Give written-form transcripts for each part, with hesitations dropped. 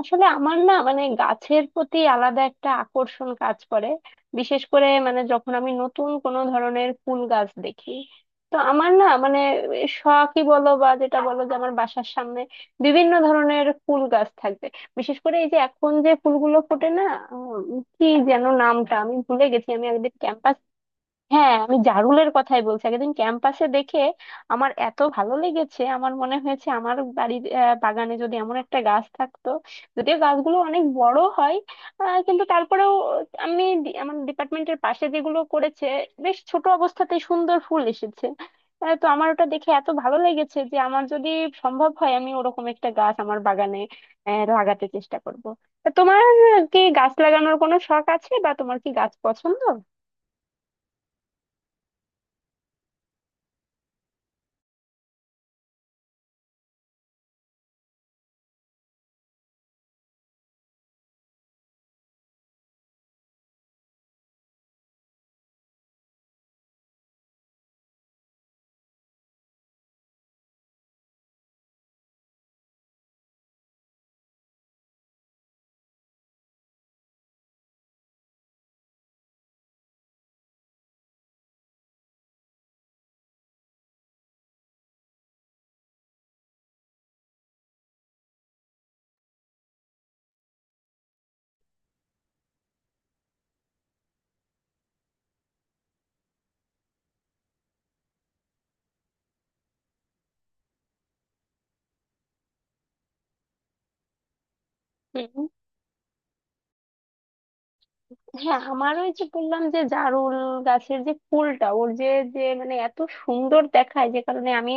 আসলে আমার না মানে গাছের প্রতি আলাদা একটা আকর্ষণ কাজ করে। বিশেষ করে মানে যখন আমি নতুন কোনো ধরনের ফুল গাছ দেখি, তো আমার না মানে শখই বলো বা যেটা বলো, যে আমার বাসার সামনে বিভিন্ন ধরনের ফুল গাছ থাকবে। বিশেষ করে এই যে এখন যে ফুলগুলো ফোটে না, উম, কি যেন নামটা আমি ভুলে গেছি, আমি একদিন ক্যাম্পাসে। হ্যাঁ, আমি জারুলের কথাই বলছি। আগের দিন ক্যাম্পাসে দেখে আমার এত ভালো লেগেছে, আমার মনে হয়েছে আমার বাড়ির বাগানে যদি এমন একটা গাছ থাকতো। যদিও গাছগুলো অনেক বড় হয়, কিন্তু তারপরেও আমি আমার ডিপার্টমেন্টের পাশে যেগুলো করেছে, বেশ ছোট অবস্থাতে সুন্দর ফুল এসেছে। তো আমার ওটা দেখে এত ভালো লেগেছে যে আমার যদি সম্ভব হয়, আমি ওরকম একটা গাছ আমার বাগানে লাগাতে চেষ্টা করব। তা তোমার কি গাছ লাগানোর কোনো শখ আছে, বা তোমার কি গাছ পছন্দ? হুম। হ্যাঁ, আমার ওই যে বললাম যে জারুল গাছের যে ফুলটা, ওর যে যে এত সুন্দর দেখায়, যে কারণে আমি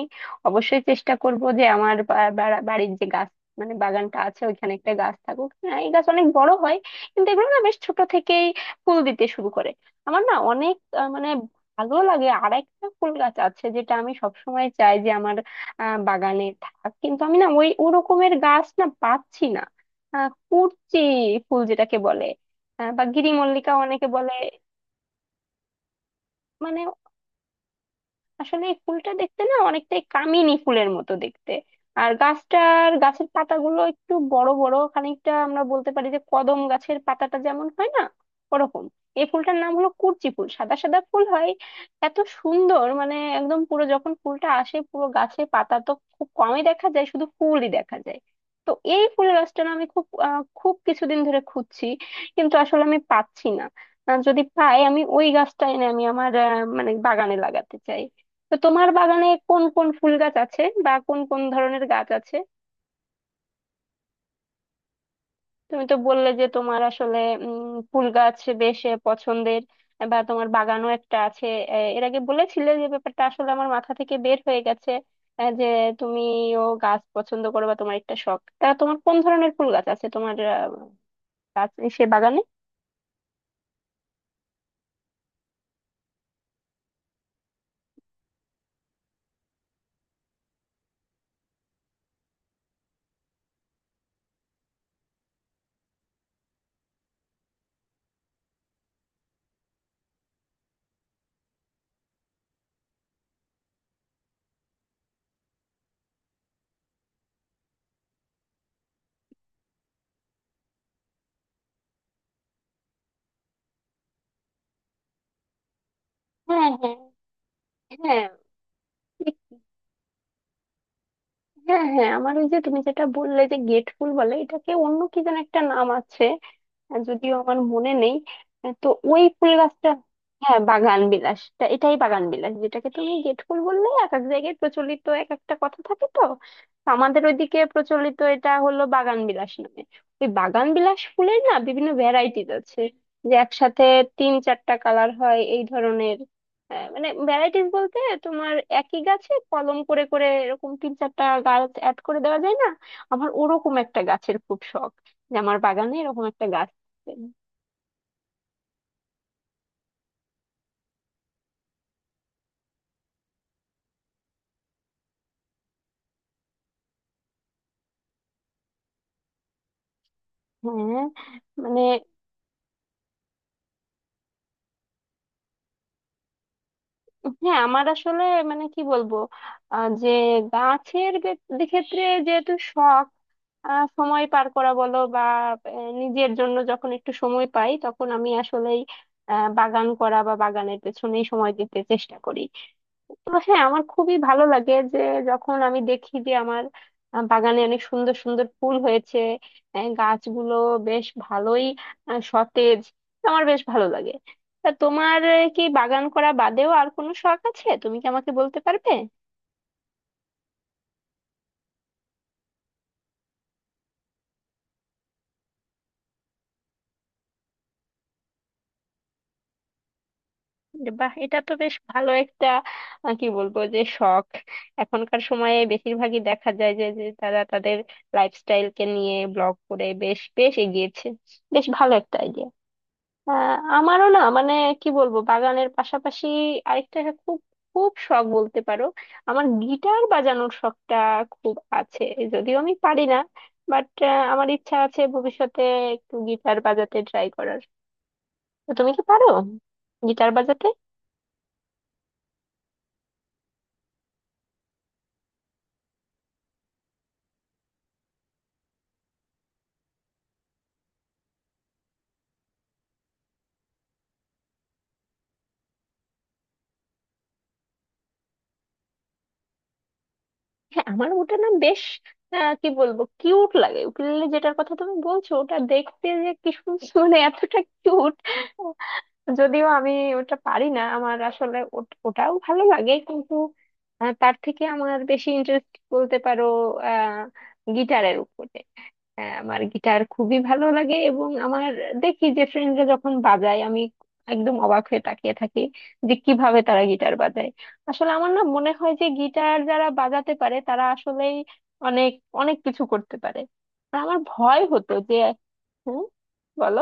অবশ্যই চেষ্টা করব যে আমার বা- বা- বাড়ির যে গাছ মানে বাগানটা আছে, ওইখানে একটা গাছ থাকুক। হ্যাঁ, এই গাছ অনেক বড় হয় কিন্তু এগুলো না বেশ ছোট থেকেই ফুল দিতে শুরু করে। আমার না অনেক আহ, মানে ভালো লাগে। আর একটা ফুল গাছ আছে যেটা আমি সবসময় চাই যে আমার বাগানে থাক, কিন্তু আমি না ওই ওরকমের গাছ না পাচ্ছি না। আহ, কুরচি ফুল যেটাকে বলে, আহ, বা গিরি মল্লিকা অনেকে বলে। মানে আসলে এই ফুলটা দেখতে না অনেকটাই কামিনী ফুলের মতো দেখতে। আর গাছের পাতাগুলো একটু বড় বড়, খানিকটা আমরা বলতে পারি যে কদম গাছের পাতাটা যেমন হয় না, ওরকম। এই ফুলটার নাম হলো কুরচি ফুল, সাদা সাদা ফুল হয়। এত সুন্দর, মানে একদম পুরো যখন ফুলটা আসে, পুরো গাছে পাতা তো খুব কমই দেখা যায়, শুধু ফুলই দেখা যায়। তো এই ফুলের গাছটা না আমি খুব কিছুদিন ধরে খুঁজছি, কিন্তু আসলে আমি পাচ্ছি না। যদি পাই, আমি ওই গাছটা এনে আমি আমার আহ, মানে বাগানে লাগাতে চাই। তো তোমার বাগানে কোন কোন ফুল গাছ আছে, বা কোন কোন ধরনের গাছ আছে? তুমি তো বললে যে তোমার আসলে ফুল গাছ বেশ পছন্দের, বা তোমার বাগানও একটা আছে। এর আগে বলেছিলে যে ব্যাপারটা আসলে আমার মাথা থেকে বের হয়ে গেছে। যে তুমিও গাছ পছন্দ করো বা তোমার একটা শখ, তা তোমার কোন ধরনের ফুল গাছ আছে, তোমার গাছ সে বাগানে? হ্যাঁ, হ্যাঁ, হ্যাঁ। ঠিক- হ্যাঁ, হ্যাঁ, আমার ওই যে তুমি যেটা বললে যে গেট ফুল বলে, এটাকে অন্য কি যেন একটা নাম আছে, আর যদিও আমার মনে নেই। তো ওই ফুল গাছটা, হ্যাঁ, বাগান বিলাসটা, এটাই বাগান বিলাস যেটাকে তুমি গেট ফুল বললে। এক এক জায়গায় প্রচলিত এক একটা কথা থাকে, তো তো আমাদের ওইদিকে প্রচলিত এটা হলো বাগান বিলাস নামে। ওই বাগান বিলাস ফুলের না বিভিন্ন ভ্যারাইটিজ আছে, যে একসাথে তিন চারটা কালার হয় এই ধরনের। মানে ভ্যারাইটিস বলতে তোমার একই গাছে কলম করে করে এরকম তিন চারটা গাছ অ্যাড করে দেওয়া যায় না। আমার ওরকম একটা গাছের খুব শখ, যে আমার বাগানে এরকম একটা গাছ। হ্যাঁ। মানে হ্যাঁ, আমার আসলে মানে কি বলবো, যে গাছের ক্ষেত্রে যেহেতু শখ, সময় পার করা বলো বা নিজের জন্য যখন একটু সময় পাই, তখন আমি আসলেই বাগান করা বা বাগানের পেছনেই সময় দিতে চেষ্টা করি। তো হ্যাঁ, আমার খুবই ভালো লাগে যে যখন আমি দেখি যে আমার বাগানে অনেক সুন্দর সুন্দর ফুল হয়েছে, গাছগুলো বেশ ভালোই সতেজ, আমার বেশ ভালো লাগে। তা তোমার কি বাগান করা বাদেও আর কোনো শখ আছে, তুমি কি আমাকে বলতে পারবে? যে বাহ, এটা তো বেশ ভালো একটা কি বলবো, যে শখ এখনকার সময়ে বেশিরভাগই দেখা যায় যে যে তারা তাদের লাইফস্টাইলকে নিয়ে ব্লগ করে বেশ বেশ এগিয়েছে। বেশ ভালো একটা আইডিয়া। আমারও না মানে কি বলবো, বাগানের পাশাপাশি আরেকটা, হ্যাঁ, খুব খুব শখ বলতে পারো, আমার গিটার বাজানোর শখটা খুব আছে। যদিও আমি পারি না, বাট আমার ইচ্ছা আছে ভবিষ্যতে একটু গিটার বাজাতে ট্রাই করার। তো তুমি কি পারো গিটার বাজাতে? হ্যাঁ, আমার ওটা না বেশ কি বলবো, কিউট লাগে উকুলেলে, যেটার কথা তুমি বলছো ওটা দেখতে যে কি সুন্দর, মানে এতটা কিউট। যদিও আমি ওটা পারি না, আমার আসলে ওটাও ভালো লাগে, কিন্তু তার থেকে আমার বেশি ইন্টারেস্ট বলতে পারো আহ, গিটারের উপরে। আমার গিটার খুবই ভালো লাগে, এবং আমার দেখি যে ফ্রেন্ডরা যখন বাজায়, আমি একদম অবাক হয়ে তাকিয়ে থাকি যে কিভাবে তারা গিটার বাজায়। আসলে আমার না মনে হয় যে গিটার যারা বাজাতে পারে তারা আসলেই অনেক অনেক কিছু করতে পারে। আর আমার ভয় হতো যে, হুম, বলো।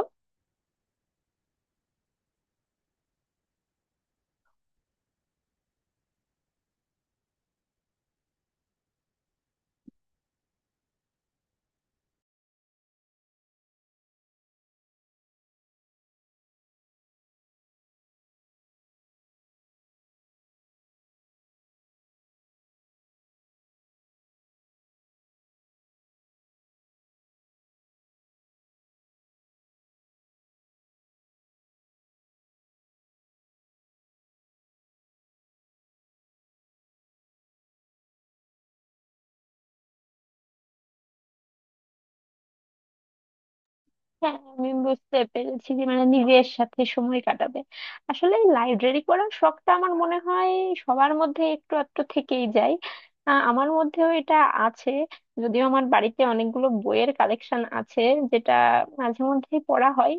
হ্যাঁ, আমি বুঝতে পেরেছি যে মানে নিজের সাথে সময় কাটাবে। আসলে লাইব্রেরি পড়ার শখটা আমার মনে হয় সবার মধ্যে একটু একটু থেকেই যায়। আমার মধ্যেও এটা আছে। যদিও আমার বাড়িতে অনেকগুলো বইয়ের কালেকশন আছে, যেটা মাঝে মধ্যেই পড়া হয়।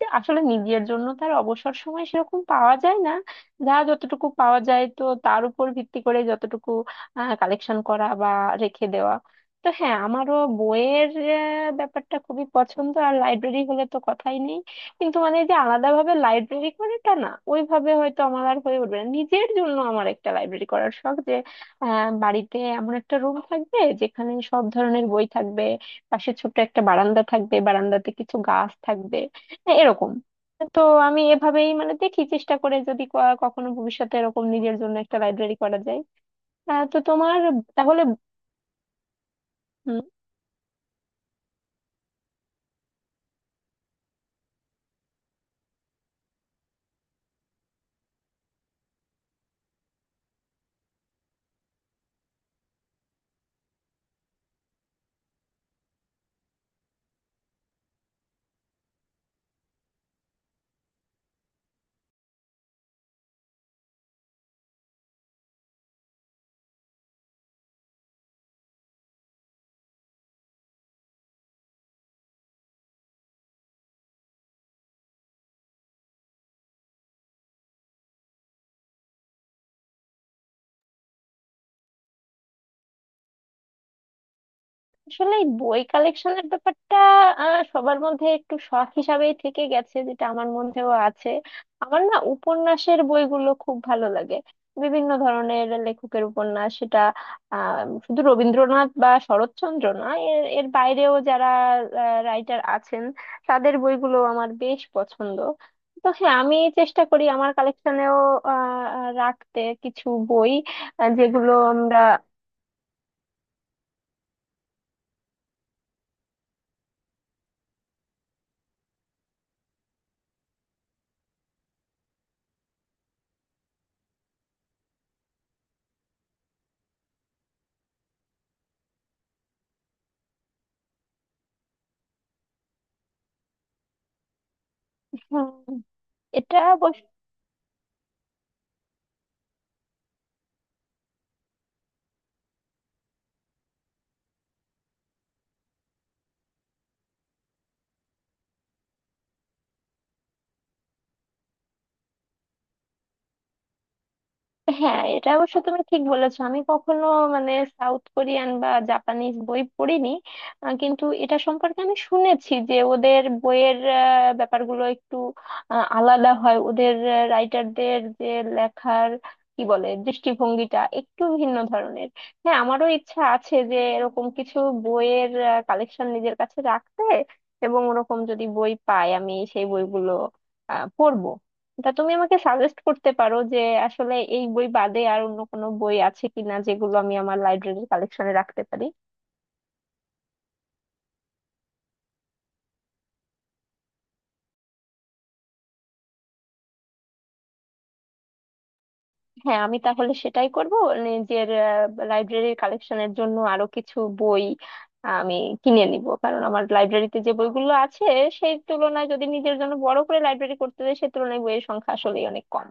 তো আসলে নিজের জন্য তার অবসর সময় সেরকম পাওয়া যায় না, যা যতটুকু পাওয়া যায় তো তার উপর ভিত্তি করে যতটুকু কালেকশন করা বা রেখে দেওয়া। তো হ্যাঁ, আমারও বইয়ের ব্যাপারটা খুবই পছন্দ, আর লাইব্রেরি হলে তো কথাই নেই। কিন্তু মানে যে আলাদাভাবে লাইব্রেরি করে তা না, ওইভাবে হয়তো আমার আর হয়ে উঠবে না। নিজের জন্য আমার একটা লাইব্রেরি করার শখ যে বাড়িতে এমন একটা রুম থাকবে যেখানে সব ধরনের বই থাকবে, পাশে ছোট্ট একটা বারান্দা থাকবে, বারান্দাতে কিছু গাছ থাকবে এরকম। তো আমি এভাবেই মানে দেখি, চেষ্টা করে যদি কখনো ভবিষ্যতে এরকম নিজের জন্য একটা লাইব্রেরি করা যায়। তো তোমার তাহলে আসলে এই বই কালেকশনের ব্যাপারটা সবার মধ্যে একটু শখ হিসাবেই থেকে গেছে, যেটা আমার মধ্যেও আছে। আমার না উপন্যাসের বইগুলো খুব ভালো লাগে, বিভিন্ন ধরনের লেখকের উপন্যাস সেটা আহ, শুধু রবীন্দ্রনাথ বা শরৎচন্দ্র না, এর এর বাইরেও যারা রাইটার আছেন, তাদের বইগুলো আমার বেশ পছন্দ। তো হ্যাঁ, আমি চেষ্টা করি আমার কালেকশনেও রাখতে কিছু বই, যেগুলো আমরা। হুম, এটা অবশ্য, হ্যাঁ, এটা অবশ্য তুমি ঠিক বলেছো। আমি কখনো মানে সাউথ কোরিয়ান বা জাপানিজ বই পড়িনি, কিন্তু এটা সম্পর্কে আমি শুনেছি যে ওদের বইয়ের ব্যাপারগুলো একটু আলাদা হয়, ওদের রাইটারদের যে লেখার কি বলে দৃষ্টিভঙ্গিটা একটু ভিন্ন ধরনের। হ্যাঁ, আমারও ইচ্ছা আছে যে এরকম কিছু বইয়ের কালেকশন নিজের কাছে রাখতে, এবং ওরকম যদি বই পাই আমি সেই বইগুলো আহ, পড়বো। তা তুমি আমাকে সাজেস্ট করতে পারো যে আসলে এই বই বাদে আর অন্য কোনো বই আছে কিনা যেগুলো আমি আমার লাইব্রেরির কালেকশনে রাখতে পারি? হ্যাঁ, আমি তাহলে সেটাই করব। নিজের লাইব্রেরির কালেকশনের জন্য আরো কিছু বই আমি কিনে নিব, কারণ আমার লাইব্রেরিতে যে বইগুলো আছে সেই তুলনায় যদি নিজের জন্য বড় করে লাইব্রেরি করতে হয়, সেই তুলনায় বইয়ের সংখ্যা আসলেই অনেক কম।